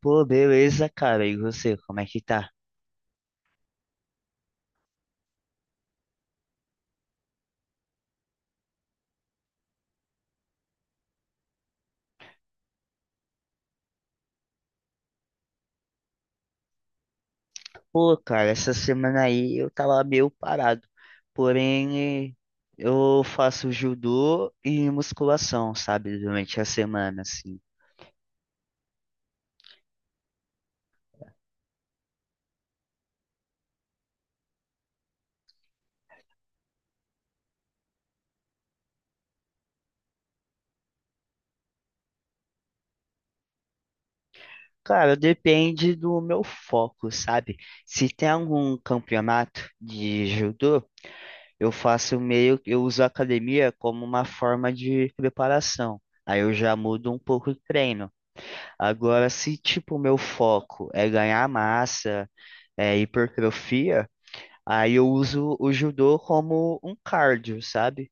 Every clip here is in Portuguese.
Pô, beleza, cara. E você, como é que tá? Pô, cara, essa semana aí eu tava meio parado. Porém, eu faço judô e musculação, sabe? Durante a semana, assim. Cara, depende do meu foco, sabe? Se tem algum campeonato de judô, eu uso a academia como uma forma de preparação. Aí eu já mudo um pouco o treino. Agora, se tipo, o meu foco é ganhar massa, hipertrofia, aí eu uso o judô como um cardio, sabe?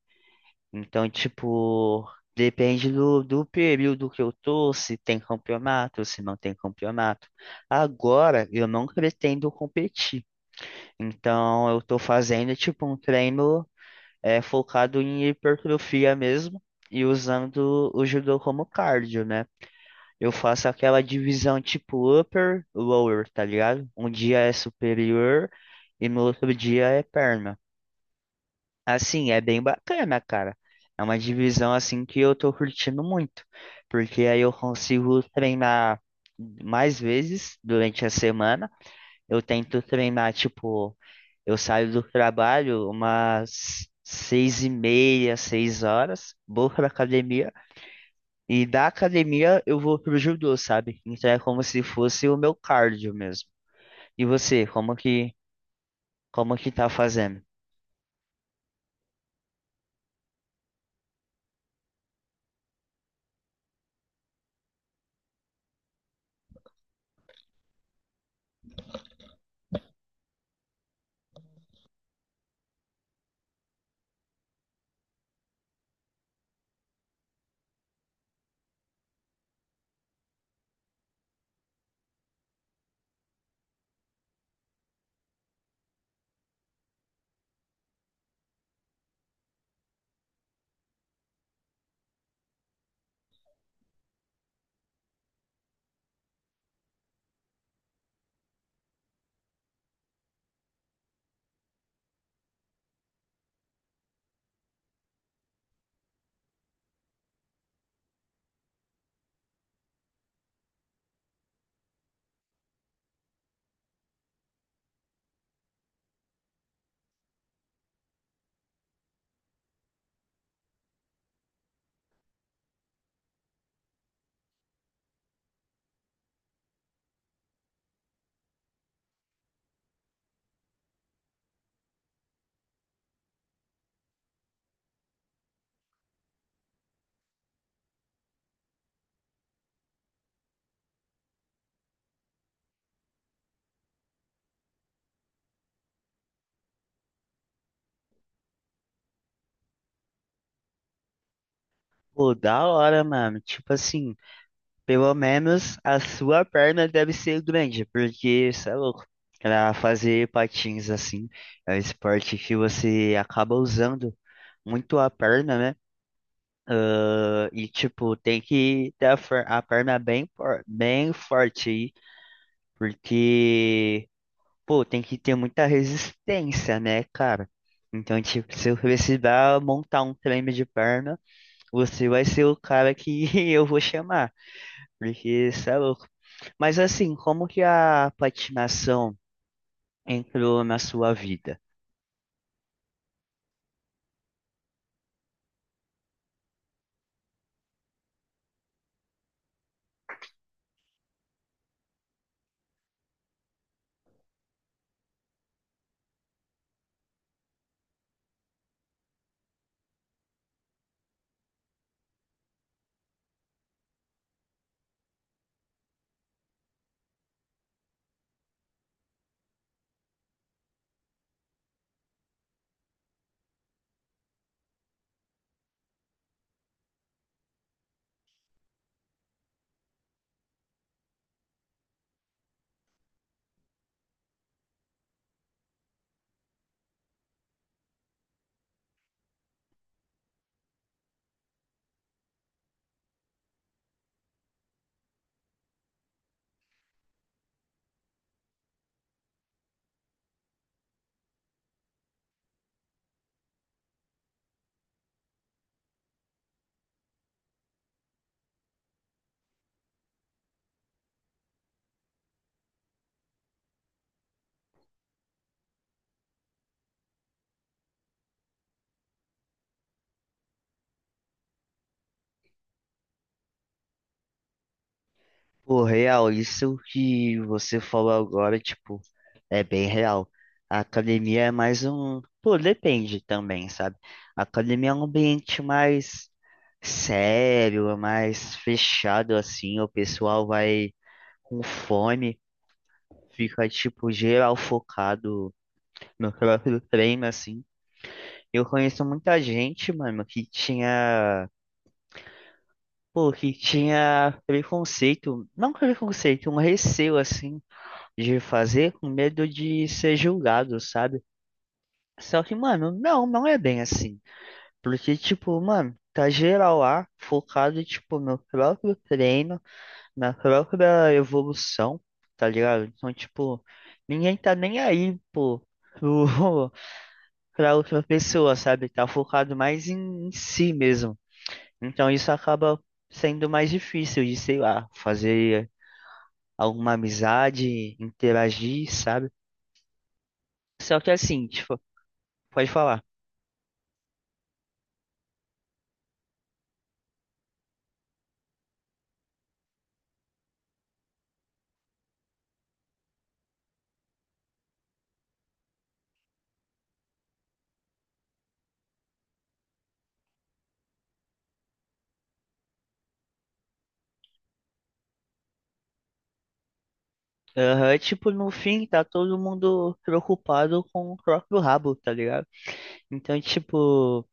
Então, tipo, depende do período que eu tô, se tem campeonato, se não tem campeonato. Agora, eu não pretendo competir, então eu tô fazendo, tipo, um treino focado em hipertrofia mesmo e usando o judô como cardio, né? Eu faço aquela divisão tipo upper, lower, tá ligado? Um dia é superior e no outro dia é perna. Assim, é bem bacana, cara. É uma divisão assim que eu tô curtindo muito, porque aí eu consigo treinar mais vezes durante a semana. Eu tento treinar, tipo, eu saio do trabalho umas 6:30, 6 horas, vou pra academia. E da academia eu vou pro judô, sabe? Então é como se fosse o meu cardio mesmo. E você, como que tá fazendo? Pô, da hora, mano. Tipo assim, pelo menos a sua perna deve ser grande, porque você é louco. Pra fazer patins assim, é um esporte que você acaba usando muito a perna, né? Ah, e tipo, tem que ter a, fer- a perna bem, bem forte aí, porque pô, tem que ter muita resistência, né, cara? Então, tipo, se eu precisar montar um treino de perna, você vai ser o cara que eu vou chamar, porque você é louco. Mas assim, como que a patinação entrou na sua vida? Pô, real, isso que você falou agora, tipo, é bem real. A academia é mais um. Pô, depende também, sabe? A academia é um ambiente mais sério, é mais fechado, assim. O pessoal vai com fome, fica, tipo, geral focado no próprio treino, assim. Eu conheço muita gente, mano, que tinha. Pô, que tinha preconceito, não preconceito, um receio, assim, de fazer com medo de ser julgado, sabe? Só que, mano, não é bem assim. Porque, tipo, mano, tá geral lá focado, tipo, no próprio treino, na própria evolução, tá ligado? Então, tipo, ninguém tá nem aí, pô, pro, pra outra pessoa, sabe? Tá focado mais em, em si mesmo. Então, isso acaba sendo mais difícil de, sei lá, fazer alguma amizade, interagir, sabe? Só que assim, tipo, pode falar. Aham, tipo, no fim, tá todo mundo preocupado com o próprio rabo, tá ligado? Então, tipo, o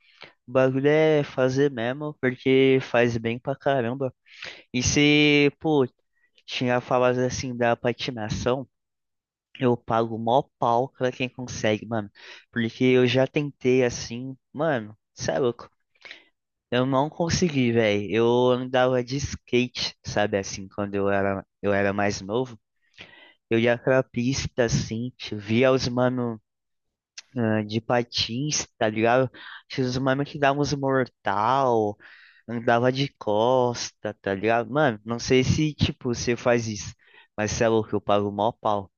bagulho é fazer mesmo, porque faz bem pra caramba. E se, pô, tinha falado assim da patinação, eu pago mó pau pra quem consegue, mano. Porque eu já tentei assim, mano, cê é louco. Eu não consegui, velho. Eu andava de skate, sabe, assim, quando eu era mais novo. Eu ia pra pista, assim, tio, via os mano, ah, de patins, tá ligado? Tinha os mano que davam uns mortal, andava de costa, tá ligado? Mano, não sei se, tipo, você faz isso, mas você é louco, eu pago mó pau.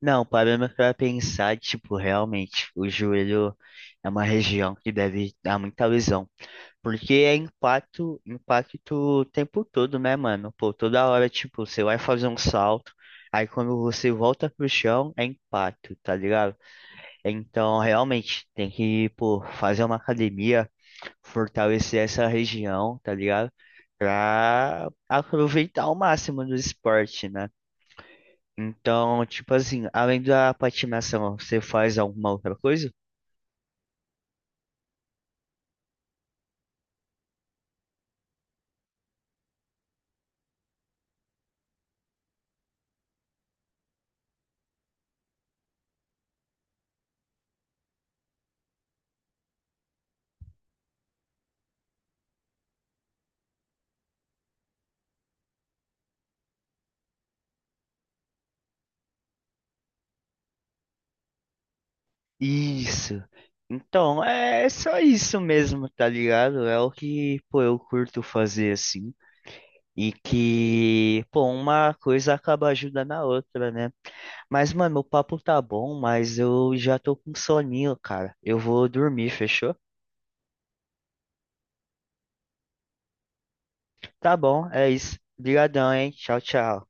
Não, parando pra pensar, tipo, realmente, o joelho é uma região que deve dar muita lesão. Porque é impacto, impacto o tempo todo, né, mano? Pô, toda hora, tipo, você vai fazer um salto, aí quando você volta pro chão, é impacto, tá ligado? Então, realmente, tem que, pô, fazer uma academia, fortalecer essa região, tá ligado? Pra aproveitar ao máximo do esporte, né? Então, tipo assim, além da patinação, você faz alguma outra coisa? Isso. Então, é só isso mesmo, tá ligado? É o que, pô, eu curto fazer assim. E que, pô, uma coisa acaba ajudando a outra, né? Mas, mano, o papo tá bom, mas eu já tô com soninho, cara. Eu vou dormir, fechou? Tá bom, é isso. Obrigadão, hein? Tchau, tchau.